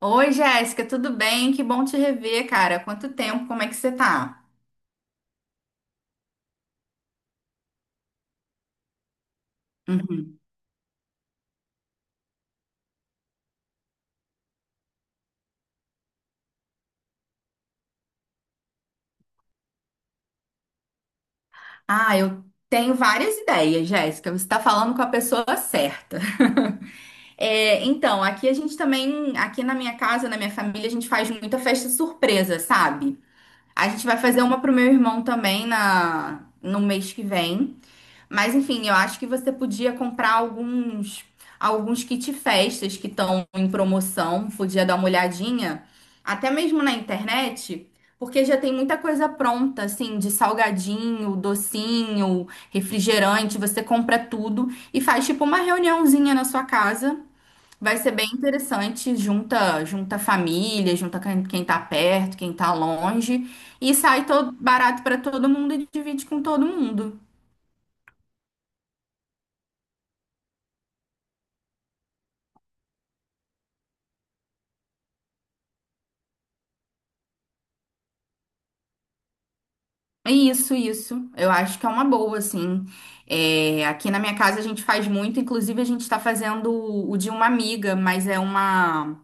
Oi, Jéssica, tudo bem? Que bom te rever, cara. Quanto tempo, como é que você tá? Uhum. Ah, eu tenho várias ideias, Jéssica. Você tá falando com a pessoa certa. É, então, aqui a gente também, aqui na minha casa, na minha família, a gente faz muita festa surpresa, sabe? A gente vai fazer uma pro meu irmão também no mês que vem. Mas enfim, eu acho que você podia comprar alguns kit festas que estão em promoção, podia dar uma olhadinha, até mesmo na internet, porque já tem muita coisa pronta, assim, de salgadinho, docinho, refrigerante, você compra tudo e faz tipo uma reuniãozinha na sua casa. Vai ser bem interessante, junta família, junta quem tá perto, quem tá longe e sai todo barato para todo mundo e divide com todo mundo. Isso, isso. Eu acho que é uma boa, assim. É, aqui na minha casa a gente faz muito, inclusive a gente tá fazendo o de uma amiga, mas é uma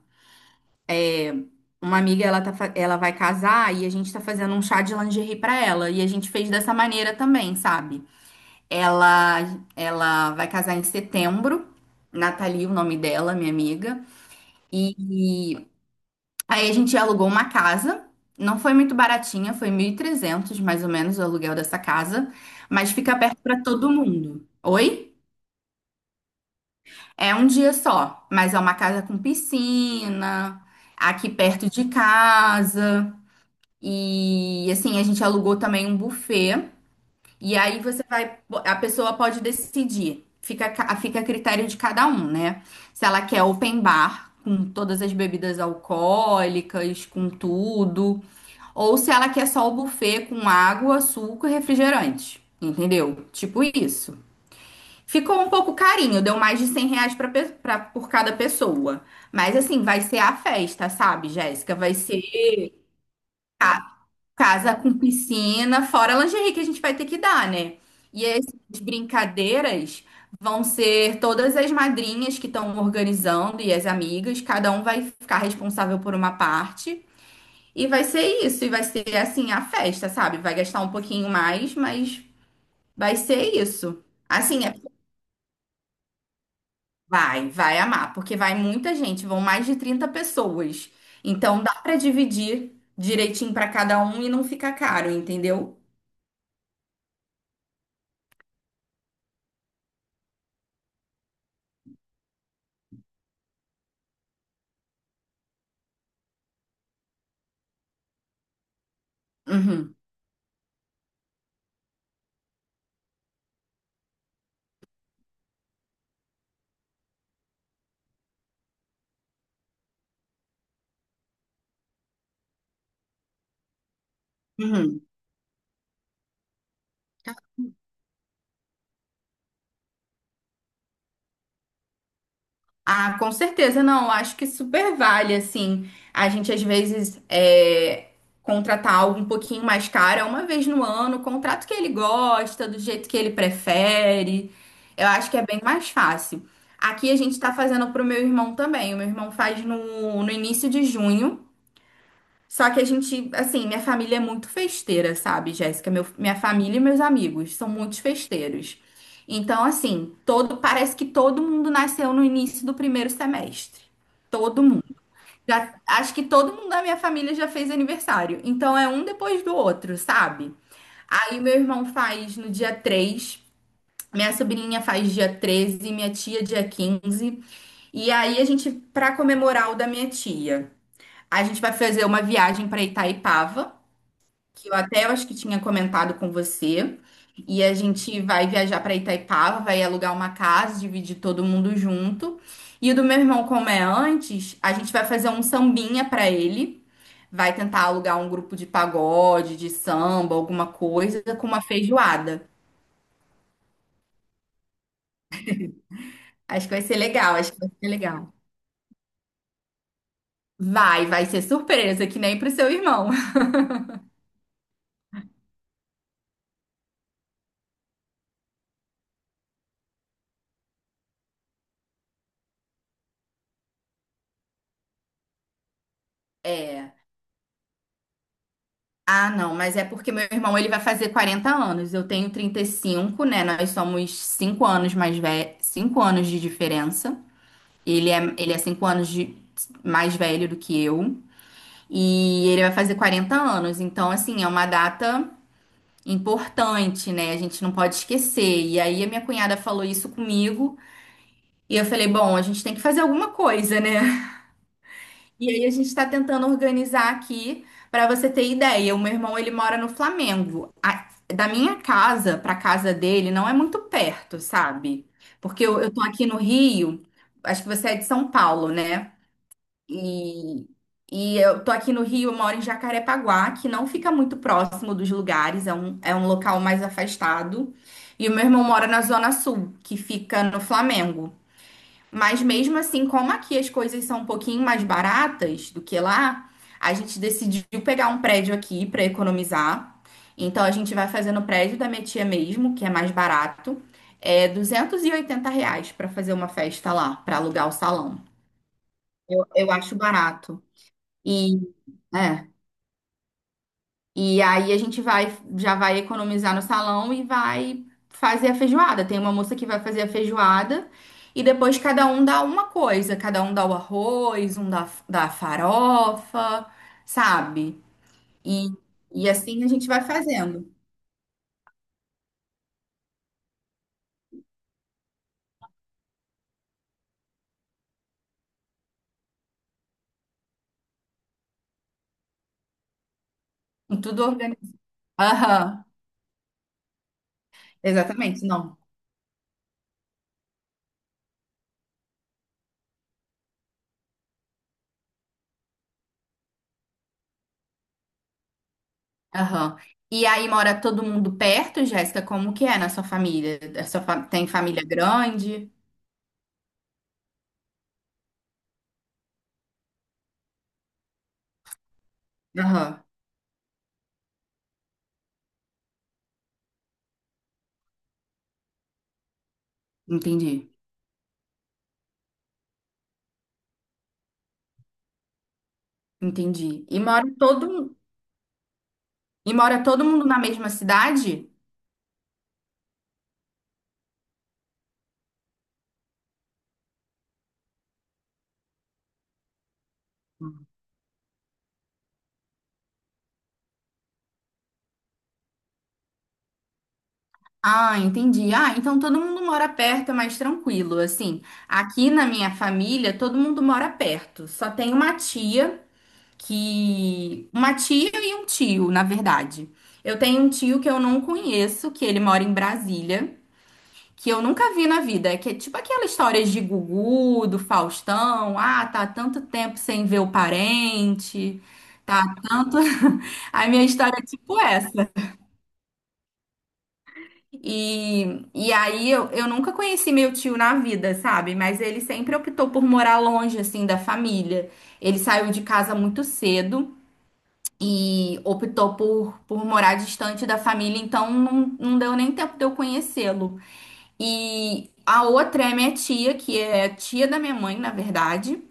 uma amiga, ela vai casar e a gente tá fazendo um chá de lingerie pra ela, e a gente fez dessa maneira também, sabe? Ela ela vai casar em setembro, Nathalie, o nome dela, minha amiga. E Aí a gente alugou uma casa. Não foi muito baratinha, foi 1.300 mais ou menos o aluguel dessa casa, mas fica perto para todo mundo. Oi? É um dia só, mas é uma casa com piscina, aqui perto de casa. E assim, a gente alugou também um buffet. E aí você vai, a pessoa pode decidir. Fica a critério de cada um, né? Se ela quer open bar, com todas as bebidas alcoólicas, com tudo. Ou se ela quer só o buffet com água, suco e refrigerante. Entendeu? Tipo isso. Ficou um pouco carinho, deu mais de 100 reais por cada pessoa. Mas assim, vai ser a festa, sabe, Jéssica? Vai ser casa com piscina, fora a lingerie que a gente vai ter que dar, né? E essas brincadeiras vão ser todas as madrinhas que estão organizando e as amigas, cada um vai ficar responsável por uma parte. E vai ser isso, e vai ser assim a festa, sabe? Vai gastar um pouquinho mais, mas vai ser isso. Vai, vai amar, porque vai muita gente, vão mais de 30 pessoas. Então dá pra dividir direitinho pra cada um e não fica caro, entendeu? Uhum, uhum. Ah, com certeza, não. Acho que super vale, assim, a gente às vezes é, contratar algo um pouquinho mais caro, é uma vez no ano, contrato que ele gosta, do jeito que ele prefere. Eu acho que é bem mais fácil. Aqui a gente está fazendo para o meu irmão também. O meu irmão faz no início de junho. Só que a gente, assim, minha família é muito festeira, sabe, Jéssica? Minha família e meus amigos são muitos festeiros. Então, assim, todo, parece que todo mundo nasceu no início do primeiro semestre. Todo mundo. Acho que todo mundo da minha família já fez aniversário. Então é um depois do outro, sabe? Aí meu irmão faz no dia 3, minha sobrinha faz dia 13, minha tia dia 15. E aí a gente, pra comemorar o da minha tia, a gente vai fazer uma viagem pra Itaipava, que eu até acho que tinha comentado com você. E a gente vai viajar para Itaipava, vai alugar uma casa, dividir todo mundo junto. E o do meu irmão, como é antes, a gente vai fazer um sambinha para ele. Vai tentar alugar um grupo de pagode, de samba, alguma coisa, com uma feijoada. Acho que vai ser legal, acho que vai ser legal. Vai, vai ser surpresa, que nem pro seu irmão. Ah, não, mas é porque meu irmão ele vai fazer 40 anos. Eu tenho 35, né? Nós somos 5 anos mais velhos, 5 anos de diferença. Ele é 5 anos mais velho do que eu e ele vai fazer 40 anos. Então, assim, é uma data importante, né? A gente não pode esquecer. E aí a minha cunhada falou isso comigo e eu falei, bom, a gente tem que fazer alguma coisa, né? E aí a gente está tentando organizar aqui para você ter ideia. O meu irmão ele mora no Flamengo. Da minha casa para casa dele não é muito perto, sabe? Porque eu tô aqui no Rio. Acho que você é de São Paulo, né? E e eu tô aqui no Rio. Eu moro em Jacarepaguá, que não fica muito próximo dos lugares. É um local mais afastado. E o meu irmão mora na Zona Sul, que fica no Flamengo. Mas mesmo assim, como aqui as coisas são um pouquinho mais baratas do que lá, a gente decidiu pegar um prédio aqui para economizar. Então a gente vai fazer no prédio da minha tia mesmo, que é mais barato. É R 280 reais para fazer uma festa lá, para alugar o salão. Eu acho barato. E é. E aí a gente vai, já vai economizar no salão e vai fazer a feijoada. Tem uma moça que vai fazer a feijoada e depois cada um dá uma coisa. Cada um dá o arroz, dá a farofa, sabe? E, e assim a gente vai fazendo. Com tudo organizado. Aham, exatamente, não. Aham. E aí mora todo mundo perto, Jéssica? Como que é na sua família? Tem família grande? Aham, entendi. Entendi. E mora todo mundo na mesma cidade? Ah, entendi. Ah, então todo mundo mora perto, é mais tranquilo. Assim, aqui na minha família, todo mundo mora perto. Só tem uma tia que. Uma tia e um tio, na verdade. Eu tenho um tio que eu não conheço, que ele mora em Brasília, que eu nunca vi na vida. É que é tipo aquela história de Gugu, do Faustão. Ah, tá há tanto tempo sem ver o parente. Tá há tanto. A minha história é tipo essa. E aí eu nunca conheci meu tio na vida, sabe? Mas ele sempre optou por morar longe, assim, da família. Ele saiu de casa muito cedo e optou por morar distante da família, então não deu nem tempo de eu conhecê-lo. E a outra é minha tia, que é tia da minha mãe, na verdade,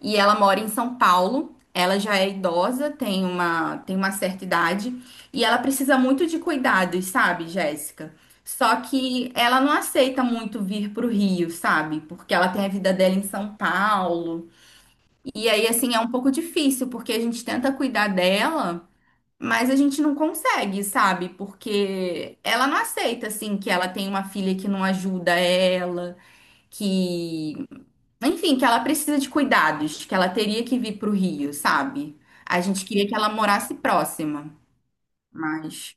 e ela mora em São Paulo. Ela já é idosa, tem uma certa idade e ela precisa muito de cuidados, sabe, Jéssica? Só que ela não aceita muito vir pro Rio, sabe? Porque ela tem a vida dela em São Paulo. E aí, assim, é um pouco difícil, porque a gente tenta cuidar dela, mas a gente não consegue, sabe? Porque ela não aceita, assim, que ela tem uma filha que não ajuda ela, que, enfim, que ela precisa de cuidados, que ela teria que vir para o Rio, sabe? A gente queria que ela morasse próxima, mas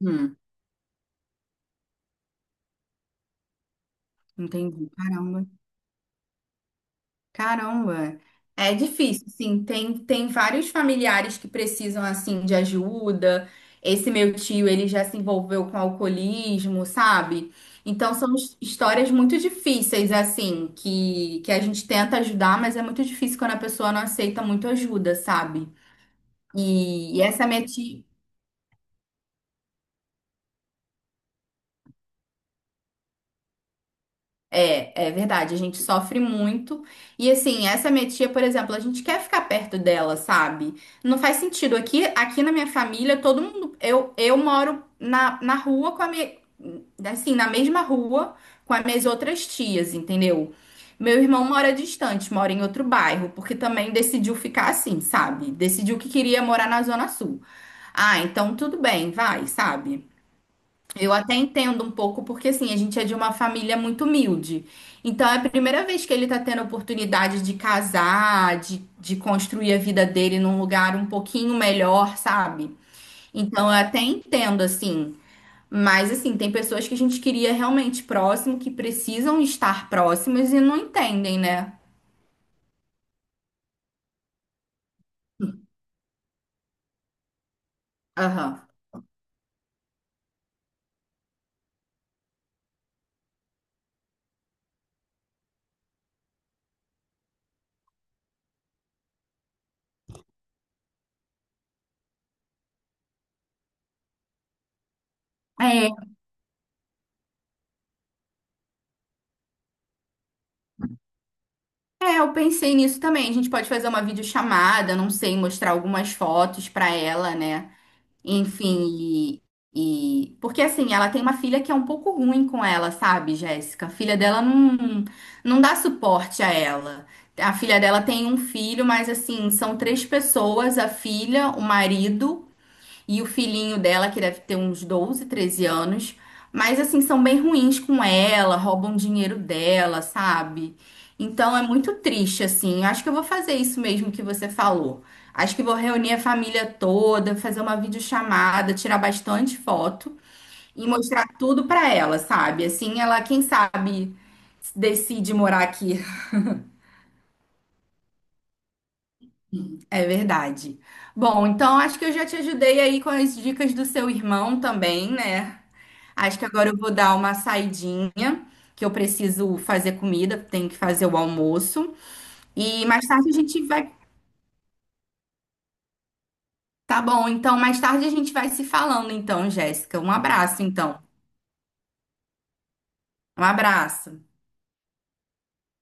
hum, entendi. Caramba, caramba. É difícil, sim. Tem vários familiares que precisam, assim, de ajuda. Esse meu tio, ele já se envolveu com alcoolismo, sabe? Então, são histórias muito difíceis, assim, que a gente tenta ajudar, mas é muito difícil quando a pessoa não aceita muito ajuda, sabe? E essa minha tia. É, é verdade, a gente sofre muito. E assim, essa minha tia, por exemplo, a gente quer ficar perto dela, sabe? Não faz sentido. Aqui, aqui na minha família, todo mundo. Eu moro na rua com a minha. Assim, na mesma rua com as minhas outras tias, entendeu? Meu irmão mora distante, mora em outro bairro, porque também decidiu ficar assim, sabe? Decidiu que queria morar na Zona Sul. Ah, então tudo bem, vai, sabe? Eu até entendo um pouco, porque assim, a gente é de uma família muito humilde. Então é a primeira vez que ele tá tendo a oportunidade de casar, de construir a vida dele num lugar um pouquinho melhor, sabe? Então eu até entendo, assim. Mas assim, tem pessoas que a gente queria realmente próximo, que precisam estar próximas e não entendem, né? Aham. É, é, eu pensei nisso também. A gente pode fazer uma videochamada, não sei, mostrar algumas fotos pra ela, né? Enfim, porque assim, ela tem uma filha que é um pouco ruim com ela, sabe, Jéssica? A filha dela não dá suporte a ela. A filha dela tem um filho, mas assim, são três pessoas, a filha, o marido e o filhinho dela, que deve ter uns 12, 13 anos. Mas, assim, são bem ruins com ela, roubam dinheiro dela, sabe? Então é muito triste, assim. Eu acho que eu vou fazer isso mesmo que você falou. Acho que vou reunir a família toda, fazer uma videochamada, tirar bastante foto e mostrar tudo pra ela, sabe? Assim, ela, quem sabe, decide morar aqui. É verdade. Bom, então acho que eu já te ajudei aí com as dicas do seu irmão também, né? Acho que agora eu vou dar uma saidinha, que eu preciso fazer comida, tenho que fazer o almoço. E mais tarde a gente vai. Tá bom, então mais tarde a gente vai se falando, então, Jéssica. Um abraço, então. Um abraço.